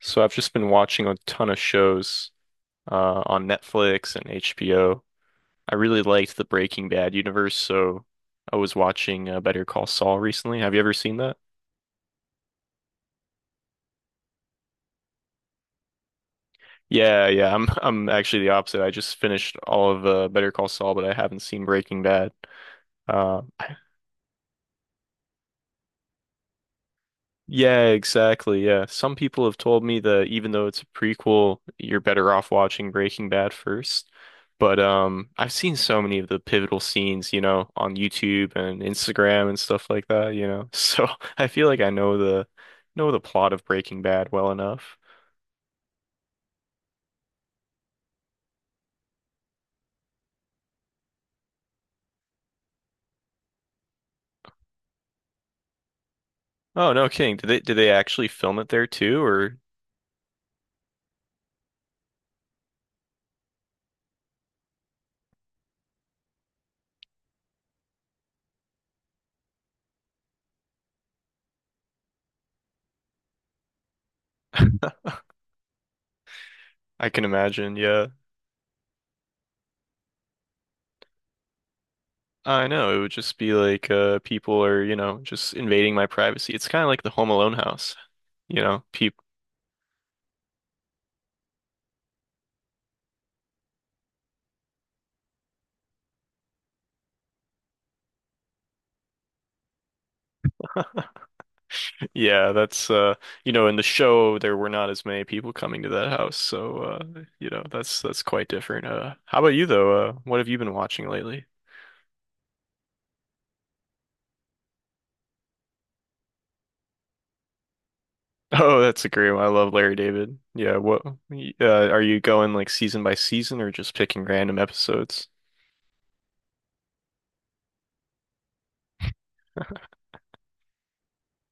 So I've just been watching a ton of shows on Netflix and HBO. I really liked the Breaking Bad universe, so I was watching Better Call Saul recently. Have you ever seen that? Yeah, yeah. I'm I'm actually the opposite. I just finished all of Better Call Saul, but I haven't seen Breaking Bad. Uh, Yeah, exactly. Yeah. Some people have told me that even though it's a prequel, you're better off watching Breaking Bad first. But I've seen so many of the pivotal scenes, on YouTube and Instagram and stuff like that. So I feel like I know the plot of Breaking Bad well enough. Oh, no kidding. Did they actually film it there too? Or I can imagine, yeah. I know, it would just be like people are, just invading my privacy. It's kind of like the Home Alone house. You know, people yeah, that's you know in the show there were not as many people coming to that house, so you know that's quite different. How about you though? What have you been watching lately? Oh, that's a great one. I love Larry David. Yeah, what are you going like season by season or just picking random episodes?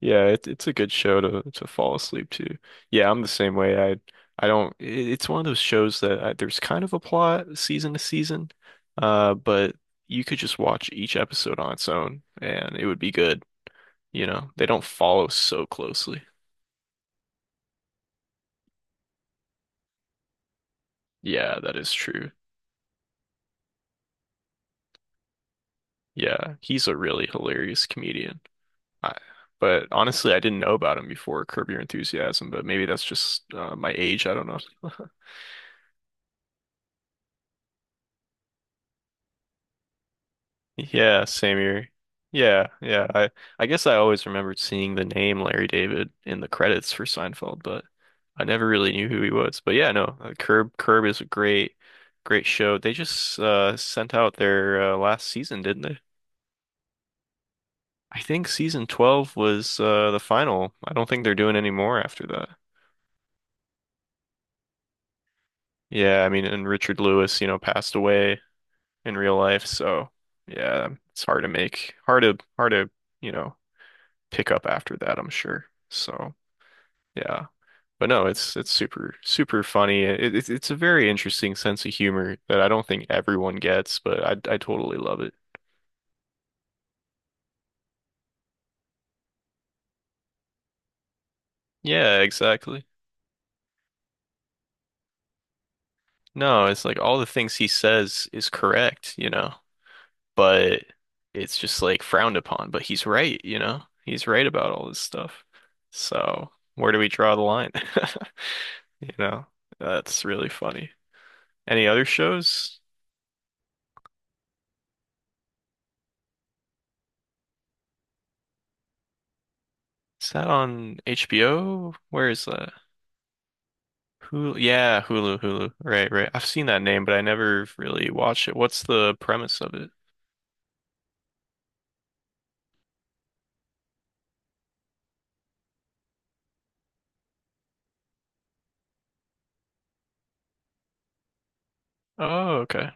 Yeah, it's a good show to fall asleep to. Yeah, I'm the same way. I don't. It's one of those shows that there's kind of a plot season to season, but you could just watch each episode on its own and it would be good. You know, they don't follow so closely. Yeah, that is true. Yeah, he's a really hilarious comedian. I, but honestly, I didn't know about him before Curb Your Enthusiasm, but maybe that's just my age. I don't know. Yeah, same here. Yeah, yeah. I guess I always remembered seeing the name Larry David in the credits for Seinfeld, but I never really knew who he was. But yeah, no, Curb is a great show. They just sent out their last season, didn't they? I think season 12 was the final. I don't think they're doing any more after that. Yeah, I mean, and Richard Lewis, you know, passed away in real life, so yeah, it's hard to make hard to hard to, you know, pick up after that, I'm sure. So yeah. But no, it's super funny. It's a very interesting sense of humor that I don't think everyone gets, but I totally love it. Yeah, exactly. No, it's like all the things he says is correct, you know, but it's just like frowned upon, but he's right, you know. He's right about all this stuff. So, where do we draw the line? You know, that's really funny. Any other shows? Is that on HBO? Where is that? Hulu, yeah, Hulu. Right, right. I've seen that name, but I never really watched it. What's the premise of it? Oh, okay.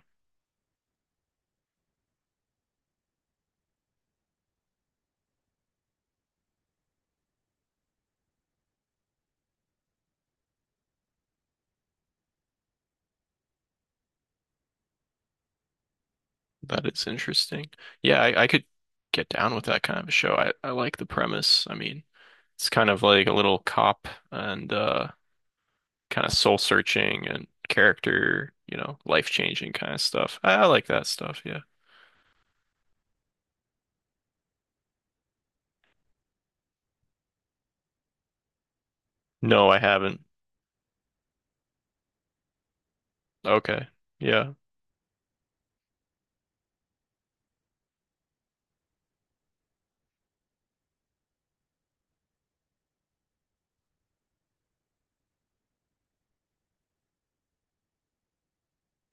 That is interesting. Yeah, I could get down with that kind of a show. I like the premise. I mean, it's kind of like a little cop and kind of soul searching and character, you know, life changing kind of stuff. I like that stuff, yeah. No, I haven't. Okay. Yeah.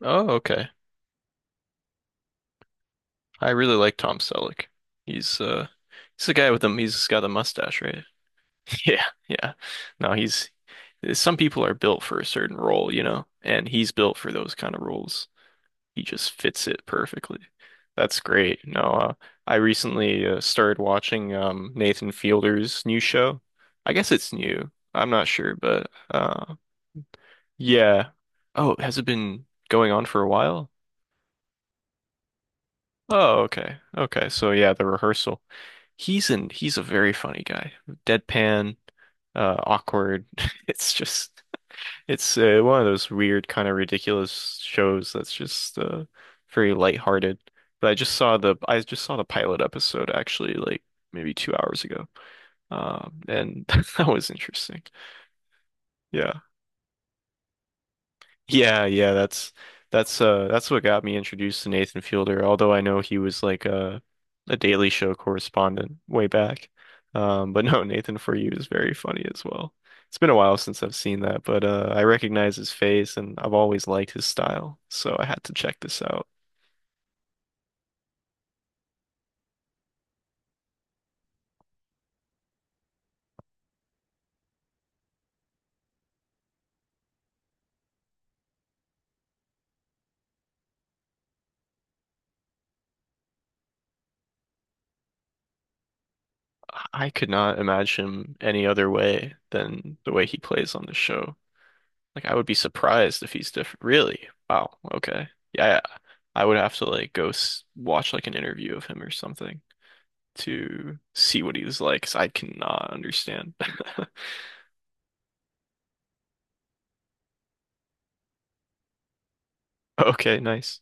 Oh, okay. I really like Tom Selleck. He's uh he's the guy with the he's got the mustache, right? Yeah, yeah. No, he's some people are built for a certain role, you know, and he's built for those kind of roles. He just fits it perfectly. That's great. No, I recently started watching Nathan Fielder's new show. I guess it's new. I'm not sure, but yeah. Oh, has it been going on for a while? Oh, okay. Okay. So yeah, the rehearsal. He's a very funny guy. Deadpan, awkward. It's just It's one of those weird, kind of ridiculous shows that's just very lighthearted. But I just saw the pilot episode actually, like maybe 2 hours ago. And that was interesting. Yeah. Yeah, yeah, that's what got me introduced to Nathan Fielder, although I know he was like a Daily Show correspondent way back. But no, Nathan For You is very funny as well. It's been a while since I've seen that, but I recognize his face and I've always liked his style, so I had to check this out. I could not imagine him any other way than the way he plays on the show. Like I would be surprised if he's different. Really? Wow. Okay. Yeah, yeah. I would have to like go s watch like an interview of him or something to see what he was like, 'cause I cannot understand. Okay, nice.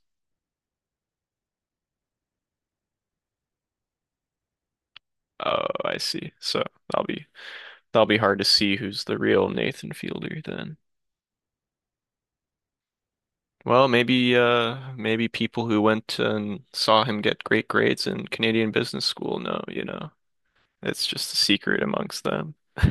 Oh, I see. So that'll be that'll be hard to see who's the real Nathan Fielder then. Well, maybe maybe people who went and saw him get great grades in Canadian business school know, you know. It's just a secret amongst them.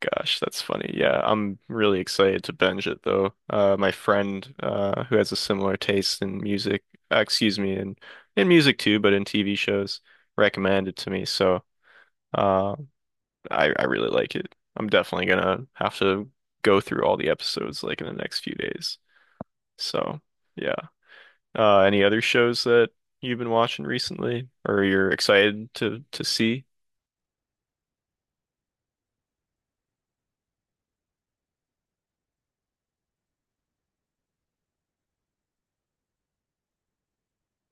Gosh, that's funny. Yeah, I'm really excited to binge it though. My friend who has a similar taste in music, excuse me, in music too, but in TV shows, recommended to me. So uh, I really like it. I'm definitely gonna have to go through all the episodes like in the next few days. So yeah. Any other shows that you've been watching recently or you're excited to see?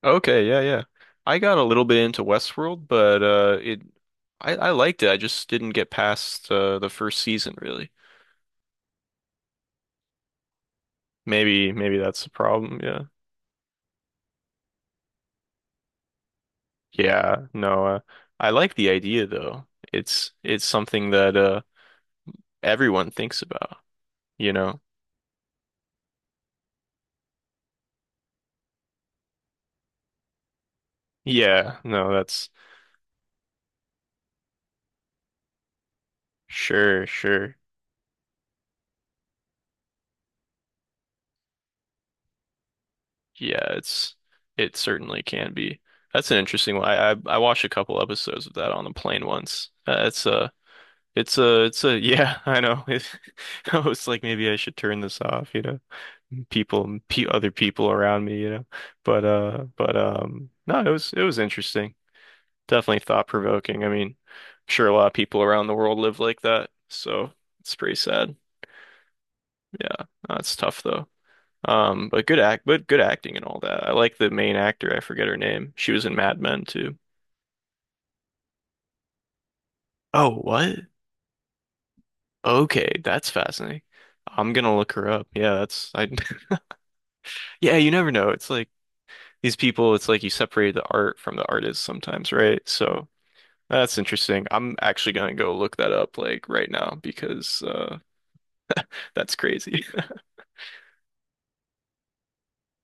Okay, yeah, yeah. I got a little bit into Westworld, but it I liked it. I just didn't get past the first season really. Maybe that's the problem, yeah. Yeah, no, I like the idea though. It's something that everyone thinks about, you know. Yeah, no, that's sure, sure. Yeah, it certainly can be. That's an interesting one. I watched a couple episodes of that on the plane once. Yeah, I know. I was like, maybe I should turn this off, you know. People, pe Other people around me, you know. But, no, it was interesting. Definitely thought-provoking. I mean, I'm sure a lot of people around the world live like that, so it's pretty sad. Yeah, that's tough though. But but good acting and all that. I like the main actor. I forget her name. She was in Mad Men too. Oh, what? Okay, that's fascinating. I'm gonna look her up. Yeah, that's I. Yeah, you never know. It's like these people, it's like you separate the art from the artist sometimes, right? So that's interesting. I'm actually gonna go look that up like right now because that's crazy.